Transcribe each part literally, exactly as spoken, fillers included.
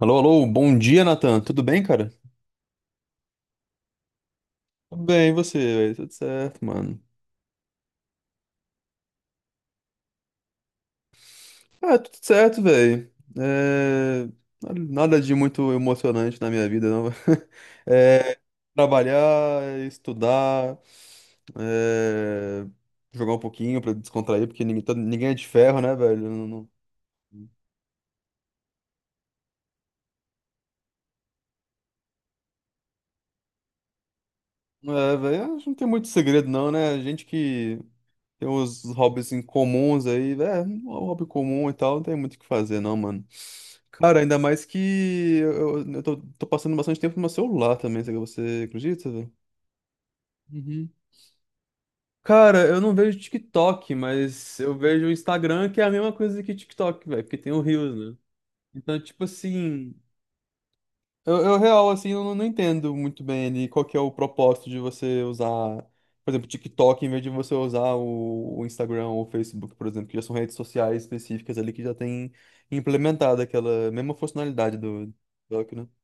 Alô, alô, bom dia, Nathan. Tudo bem, cara? Tudo bem, e você, velho? Tudo certo, mano. Ah, tudo certo, velho. É... Nada de muito emocionante na minha vida, não. É... Trabalhar, estudar, é... jogar um pouquinho pra descontrair, porque ninguém, todo- ninguém é de ferro, né, velho? Não, não... É, velho, acho que não tem muito segredo, não, né? Gente que tem uns hobbies incomuns aí, é, um hobby comum e tal, não tem muito o que fazer, não, mano. Cara, ainda mais que eu, eu eu tô, tô passando bastante tempo no meu celular também, sabe? Você acredita, velho? Uhum. Cara, eu não vejo TikTok, mas eu vejo o Instagram, que é a mesma coisa que TikTok, velho, porque tem o Reels, né? Então, tipo assim. Eu, eu real, assim, eu não, Não entendo muito bem ali qual que é o propósito de você usar, por exemplo, TikTok em vez de você usar o, o Instagram ou o Facebook, por exemplo, que já são redes sociais específicas ali que já tem implementado aquela mesma funcionalidade do do TikTok, né?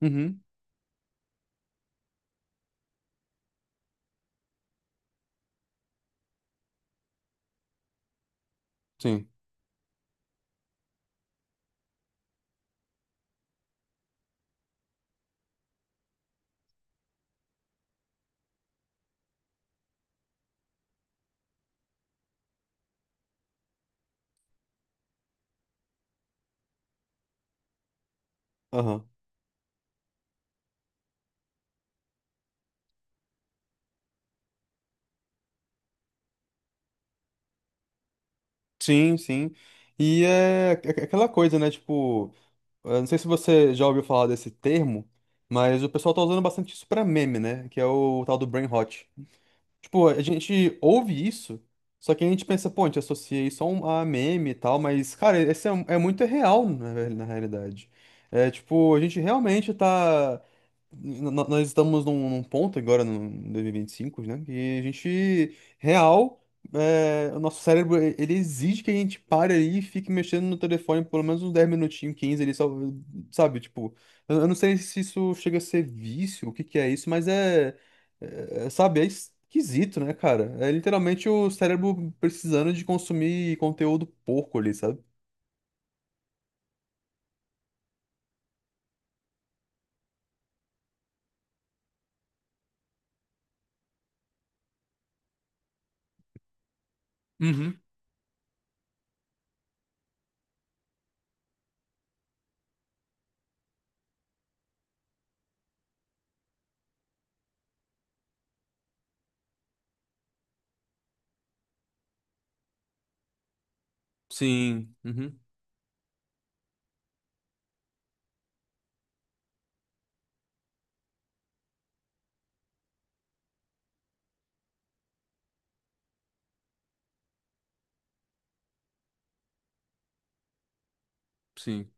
Uhum, sim. Aham. Sim, sim. E é aqu- aqu- aquela coisa, né? Tipo, eu não sei se você já ouviu falar desse termo, mas o pessoal tá usando bastante isso pra meme, né? Que é o tal do brain rot. Tipo, a gente ouve isso, só que a gente pensa, pô, a gente associa isso a, um, a meme e tal, mas, cara, esse é, é muito real, na, ver- na realidade. É, tipo, a gente realmente tá n- n- nós estamos num, num ponto agora, no dois mil e vinte e cinco, né? Que a gente, real, é, o nosso cérebro, e- ele exige que a gente pare ali e fique mexendo no telefone pelo menos uns dez minutinhos, quinze, ali, só, sabe? Tipo, eu, eu não sei se isso chega a ser vício, o que que é isso, mas é, é- é, sabe? É esquisito, né, cara? É literalmente o cérebro precisando de consumir conteúdo porco ali, sabe? Uhum. Sim, uhum. Sim.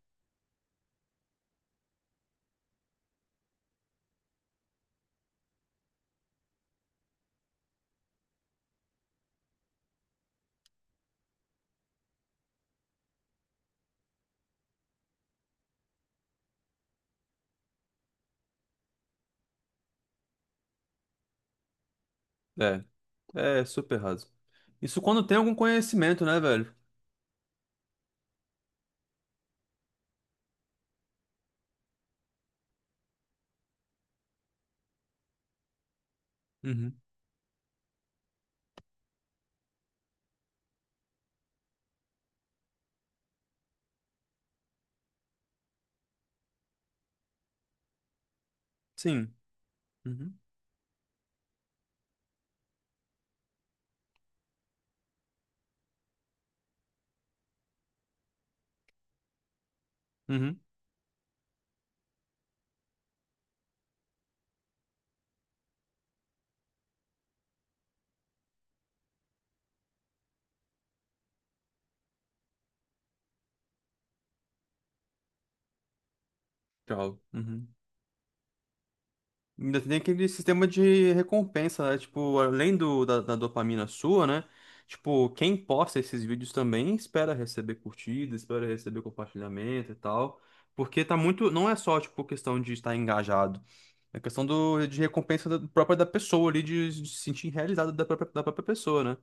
É, super raso. Isso quando tem algum conhecimento, né, velho? Uhum. Sim. Uhum. Uhum. Tchau. Uhum. Ainda tem aquele sistema de recompensa, né? Tipo, além do, da, da dopamina sua, né? Tipo, quem posta esses vídeos também espera receber curtida, espera receber compartilhamento e tal. Porque tá muito. Não é só, tipo, questão de estar engajado. É questão do, de recompensa da- própria da pessoa ali, de, de se sentir realizado da própria, da própria pessoa, né?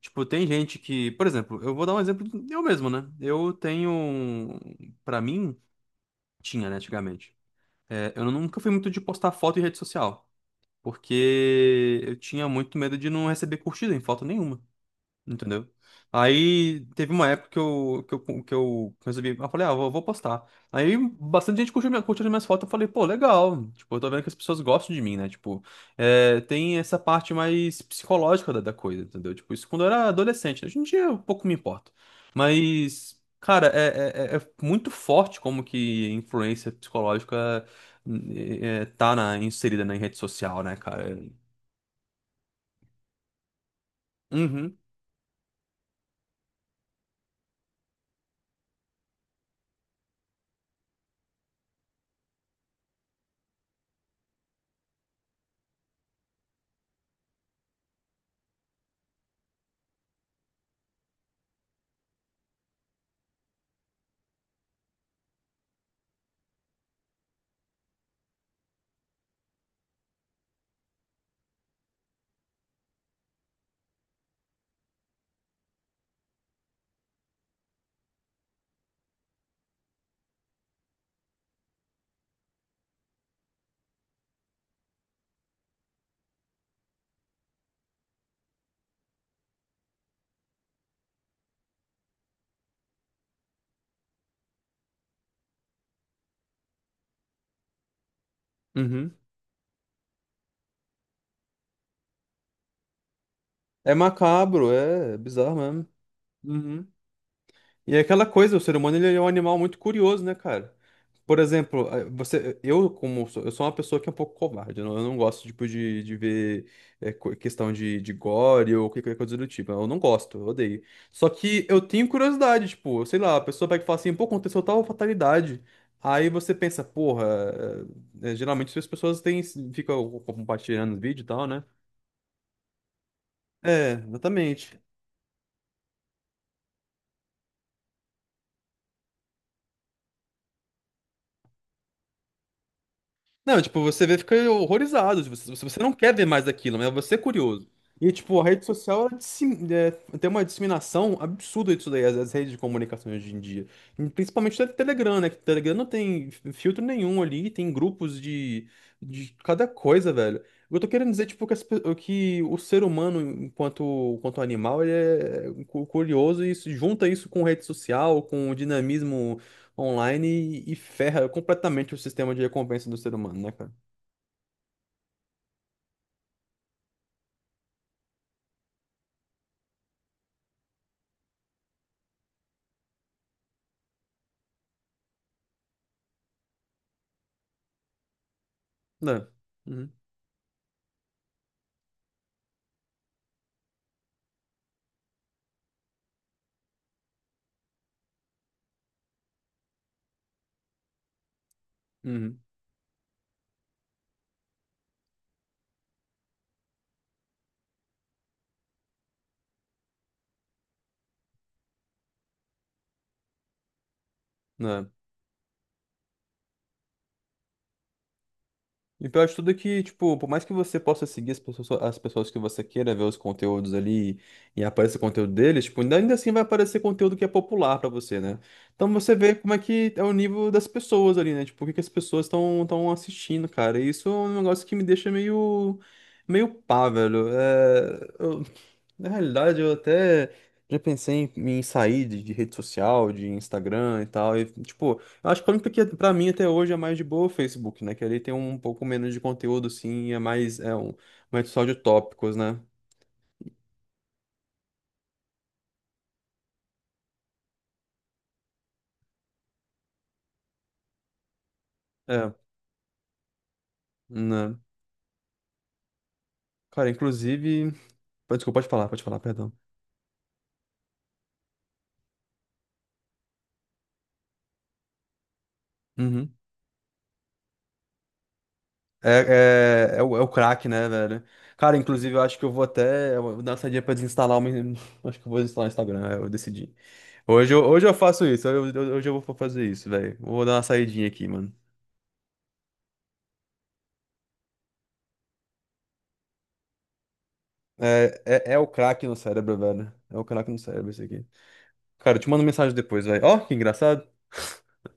Tipo, tem gente que, por exemplo, eu vou dar um exemplo de- eu mesmo, né? Eu tenho, um- Pra mim, tinha, né, antigamente. É, eu nunca fui muito de postar foto em rede social, porque eu tinha muito medo de não receber curtida em foto nenhuma. Entendeu? Aí teve uma época que eu, que eu, que eu resolvi. Eu falei, ah, vou, vou postar. Aí bastante gente curtiu, minha, curtiu as minhas fotos. Eu falei, pô, legal. Tipo, eu tô vendo que as pessoas gostam de mim, né? Tipo, é, tem essa parte mais psicológica da, da coisa, entendeu? Tipo, isso quando eu era adolescente, né? Hoje em dia eu pouco me importo. Mas, cara, é, é, é- é muito forte como que influência psicológica é, é, tá na, inserida na rede social, né, cara? Uhum, uhum. É macabro, é é bizarro mesmo. Uhum. E é aquela coisa, o ser humano ele é um animal muito curioso, né, cara? Por exemplo, eh, você, eu como sou- eu sou uma pessoa que é um pouco covarde, eu não, eu não gosto tipo de, de ver eh, co- questão de, de gore ou qualquer coisa do tipo. Eu não gosto, eu odeio. Só que eu tenho curiosidade, tipo, sei lá, a pessoa pega e fala assim, pô, aconteceu tal fatalidade. Aí você pensa, porra, eh, eh, geralmente as pessoas têm, ficam compartilhando vídeo e tal, né? É, exatamente. Não, tipo, você vê, fica horrorizado, tipo, se você não quer ver mais daquilo, mas você é curioso. E, tipo, a rede social, ela dissemi- é, tem uma disseminação absurda disso daí, as, as redes de comunicação hoje em dia. E principalmente o Telegram, né? Que o Telegram não tem f- filtro nenhum ali, tem grupos de, de cada coisa, velho. Eu tô querendo dizer, tipo, que, as pe- que o ser humano, enquanto, enquanto animal, ele é cu- curioso e isso- junta isso com rede social, com o dinamismo online e, e ferra completamente o sistema de recompensa do ser humano, né, cara? Né? Uhum. Uhum. Né? E pior de tudo é que, tipo, por mais que você possa seguir as pessoas, as pessoas que você queira ver os conteúdos ali e apareça conteúdo deles, tipo, ainda ainda assim vai aparecer conteúdo que é popular pra você, né? Então você vê como é que é o nível das pessoas ali, né? Tipo, o que que as pessoas estão estão assistindo, cara. E isso é um negócio que me deixa meio meio pá, velho. É, eu na realidade, eu até já pensei em, em sair de, de rede social, de Instagram e tal. E, tipo, eu acho que a única que pra mim até hoje é mais de boa é o Facebook, né? Que ali tem um pouco menos de conteúdo, sim, e é mais, é um, uma rede social de tópicos, né? É, né? Cara, inclusive, pô, desculpa, pode falar, pode falar, perdão. Uhum. É, é, é o, é o crack, né, velho? Cara, inclusive, eu acho que eu vou até eu vou dar uma saidinha pra desinstalar o meu. Acho que eu vou desinstalar o Instagram, é, eu decidi. Hoje eu, hoje eu faço isso, hoje eu, hoje eu vou fazer isso, velho. Vou dar uma saidinha aqui, mano. É, é, é o crack no cérebro, velho. É o crack no cérebro esse aqui. Cara, eu te mando mensagem depois, velho. Ó, que engraçado.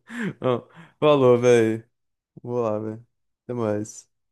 Ó, falou, velho. Vou lá, velho. Até mais.